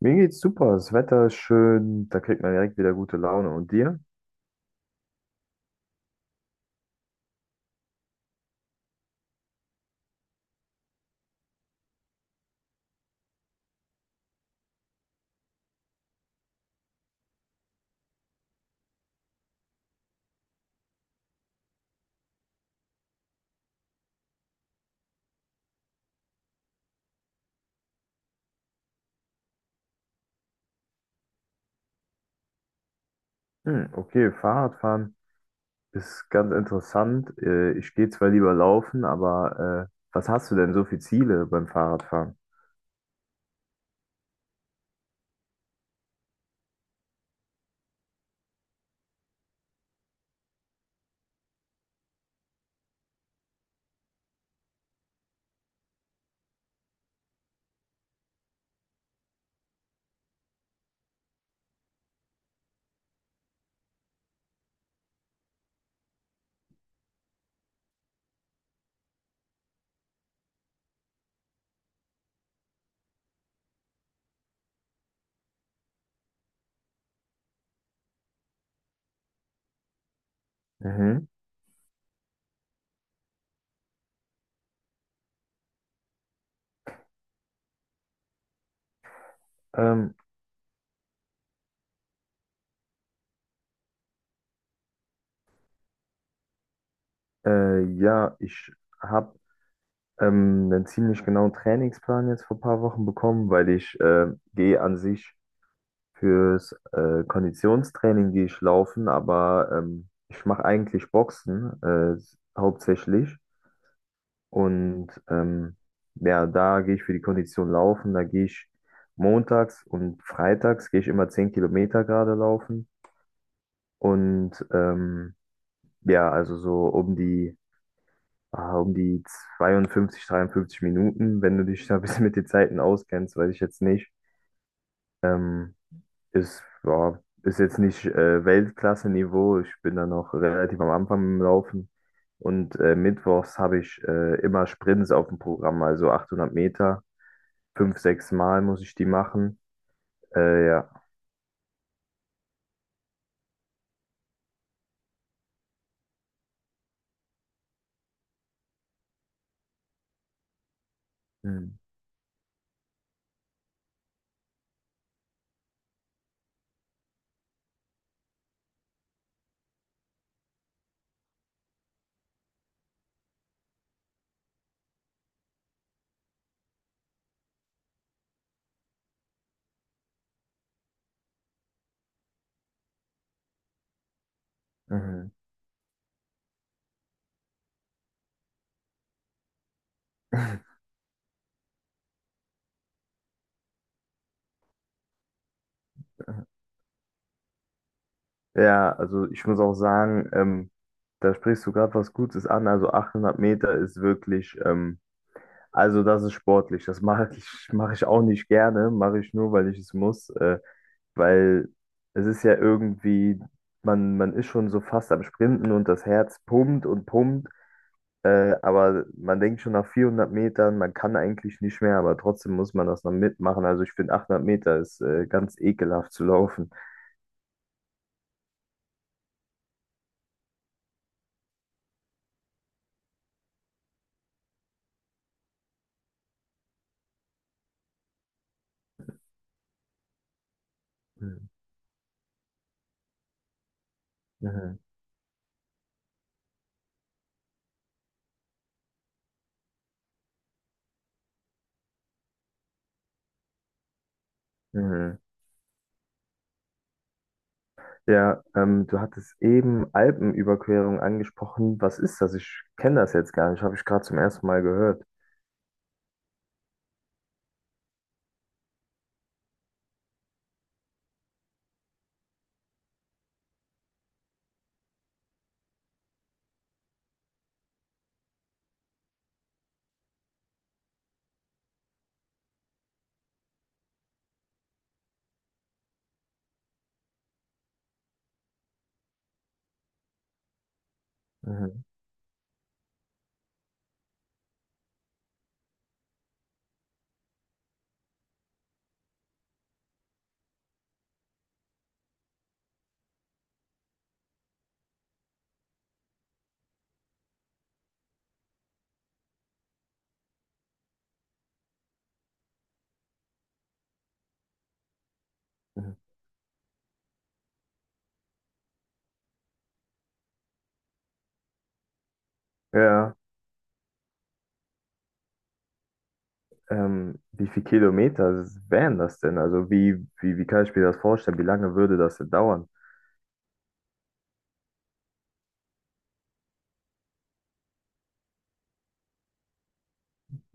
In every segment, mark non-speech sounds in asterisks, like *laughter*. Mir geht's super, das Wetter ist schön, da kriegt man direkt wieder gute Laune. Und dir? Hm, okay, Fahrradfahren ist ganz interessant. Ich gehe zwar lieber laufen, aber was hast du denn so für Ziele beim Fahrradfahren? Mhm. Ähm, ja, ich habe einen ziemlich genauen Trainingsplan jetzt vor ein paar Wochen bekommen, weil ich gehe an sich fürs Konditionstraining gehe ich laufen, aber ich mache eigentlich Boxen hauptsächlich. Und ja, da gehe ich für die Kondition laufen. Da gehe ich montags und freitags gehe ich immer 10 Kilometer gerade laufen. Und ja, also so um die 52, 53 Minuten, wenn du dich da ein bisschen mit den Zeiten auskennst, weiß ich jetzt nicht. Ähm, ist, ja, ist jetzt nicht Weltklasse-Niveau. Ich bin da noch relativ am Anfang im Laufen. Und mittwochs habe ich immer Sprints auf dem Programm, also 800 Meter. Fünf, sechs Mal muss ich die machen. Ja. Hm. Mhm. *laughs* Ja, also ich muss auch sagen, da sprichst du gerade was Gutes an. Also 800 Meter ist wirklich, also das ist sportlich. Das mache ich auch nicht gerne, mache ich nur, weil ich es muss. Weil es ist ja irgendwie, man ist schon so fast am Sprinten und das Herz pumpt und pumpt. Aber man denkt schon nach 400 Metern, man kann eigentlich nicht mehr, aber trotzdem muss man das noch mitmachen. Also ich finde 800 Meter ist ganz ekelhaft zu laufen. Mhm. Mhm. Mhm. Ja, du hattest eben Alpenüberquerung angesprochen. Was ist das? Ich kenne das jetzt gar nicht. Habe ich gerade zum ersten Mal gehört. Mhm. Mhm. Ja, wie viele Kilometer wären das denn? Also wie kann ich mir das vorstellen? Wie lange würde das denn dauern?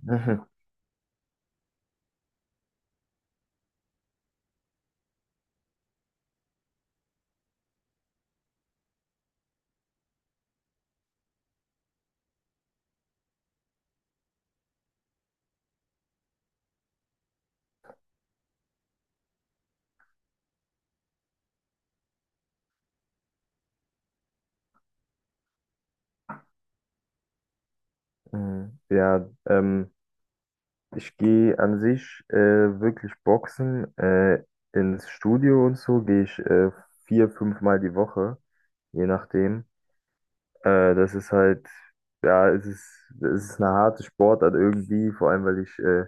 Mhm. Mhm. Ja, ich gehe an sich wirklich boxen. Ins Studio und so gehe ich vier, fünfmal die Woche, je nachdem. Das ist halt, ja, es ist eine harte Sportart irgendwie, vor allem weil ich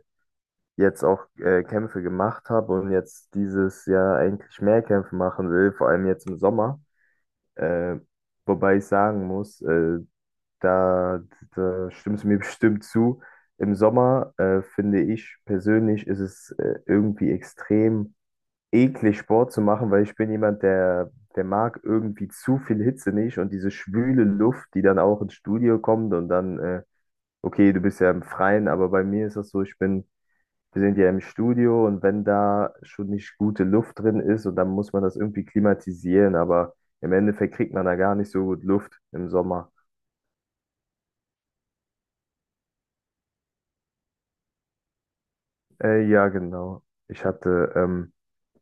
jetzt auch Kämpfe gemacht habe und jetzt dieses Jahr eigentlich mehr Kämpfe machen will, vor allem jetzt im Sommer. Äh, wobei ich sagen muss, da, da stimmst du mir *laughs* bestimmt zu. Im Sommer, finde ich persönlich, ist es irgendwie extrem eklig, Sport zu machen, weil ich bin jemand, der mag irgendwie zu viel Hitze nicht und diese schwüle Luft, die dann auch ins Studio kommt und dann, okay, du bist ja im Freien, aber bei mir ist das so, wir sind ja im Studio und wenn da schon nicht gute Luft drin ist und dann muss man das irgendwie klimatisieren, aber im Endeffekt kriegt man da gar nicht so gut Luft im Sommer. Ja, genau. Ich hatte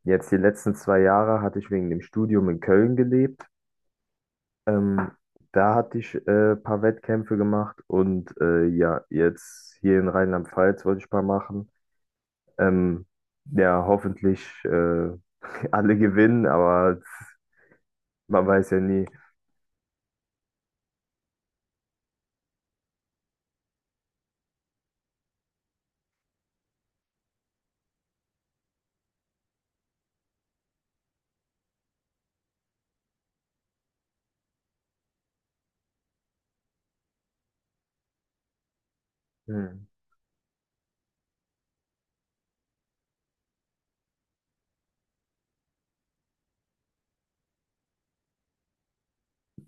jetzt die letzten 2 Jahre hatte ich wegen dem Studium in Köln gelebt. Ähm, da hatte ich ein paar Wettkämpfe gemacht und ja, jetzt hier in Rheinland-Pfalz wollte ich ein paar machen. Ähm, ja, hoffentlich *laughs* alle gewinnen, aber man weiß ja nie. Hm.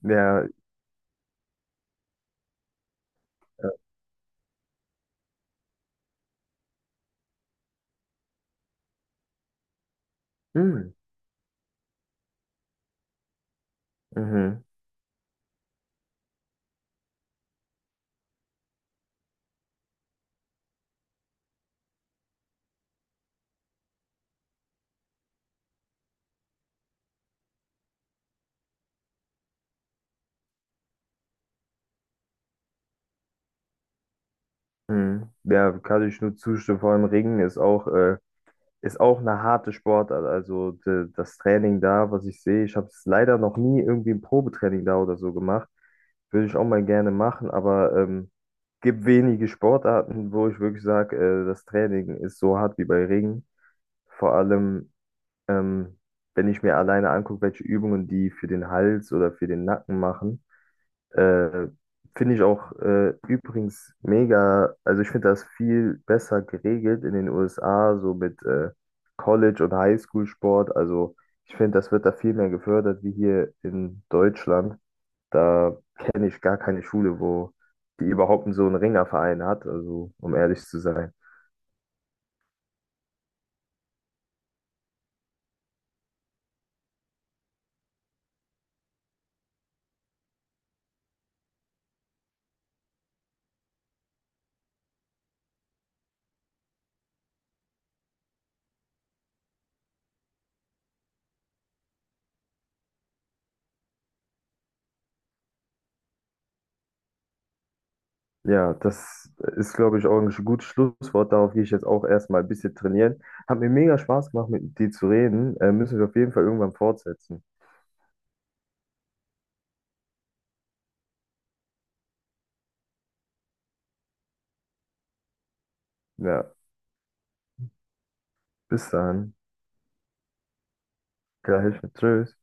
Ja, äh, hm, mhm, mhm. Ja, kann ich nur zustimmen. Vor allem Ringen ist auch ist auch eine harte Sportart. Also das Training da, was ich sehe, ich habe es leider noch nie irgendwie ein Probetraining da oder so gemacht. Würde ich auch mal gerne machen, aber gibt wenige Sportarten, wo ich wirklich sage, das Training ist so hart wie bei Ringen. Vor allem, ähm, wenn ich mir alleine angucke, welche Übungen die für den Hals oder für den Nacken machen. Äh, finde ich auch übrigens mega, also ich finde das viel besser geregelt in den USA, so mit College- und Highschool-Sport. Also ich finde, das wird da viel mehr gefördert wie hier in Deutschland. Da kenne ich gar keine Schule, wo die überhaupt so einen Ringerverein hat, also um ehrlich zu sein. Ja, das ist, glaube ich, auch ein gutes Schlusswort. Darauf gehe ich jetzt auch erstmal ein bisschen trainieren. Hat mir mega Spaß gemacht, mit dir zu reden. Müssen wir auf jeden Fall irgendwann fortsetzen. Ja. Bis dann. Gleich mit Tschüss.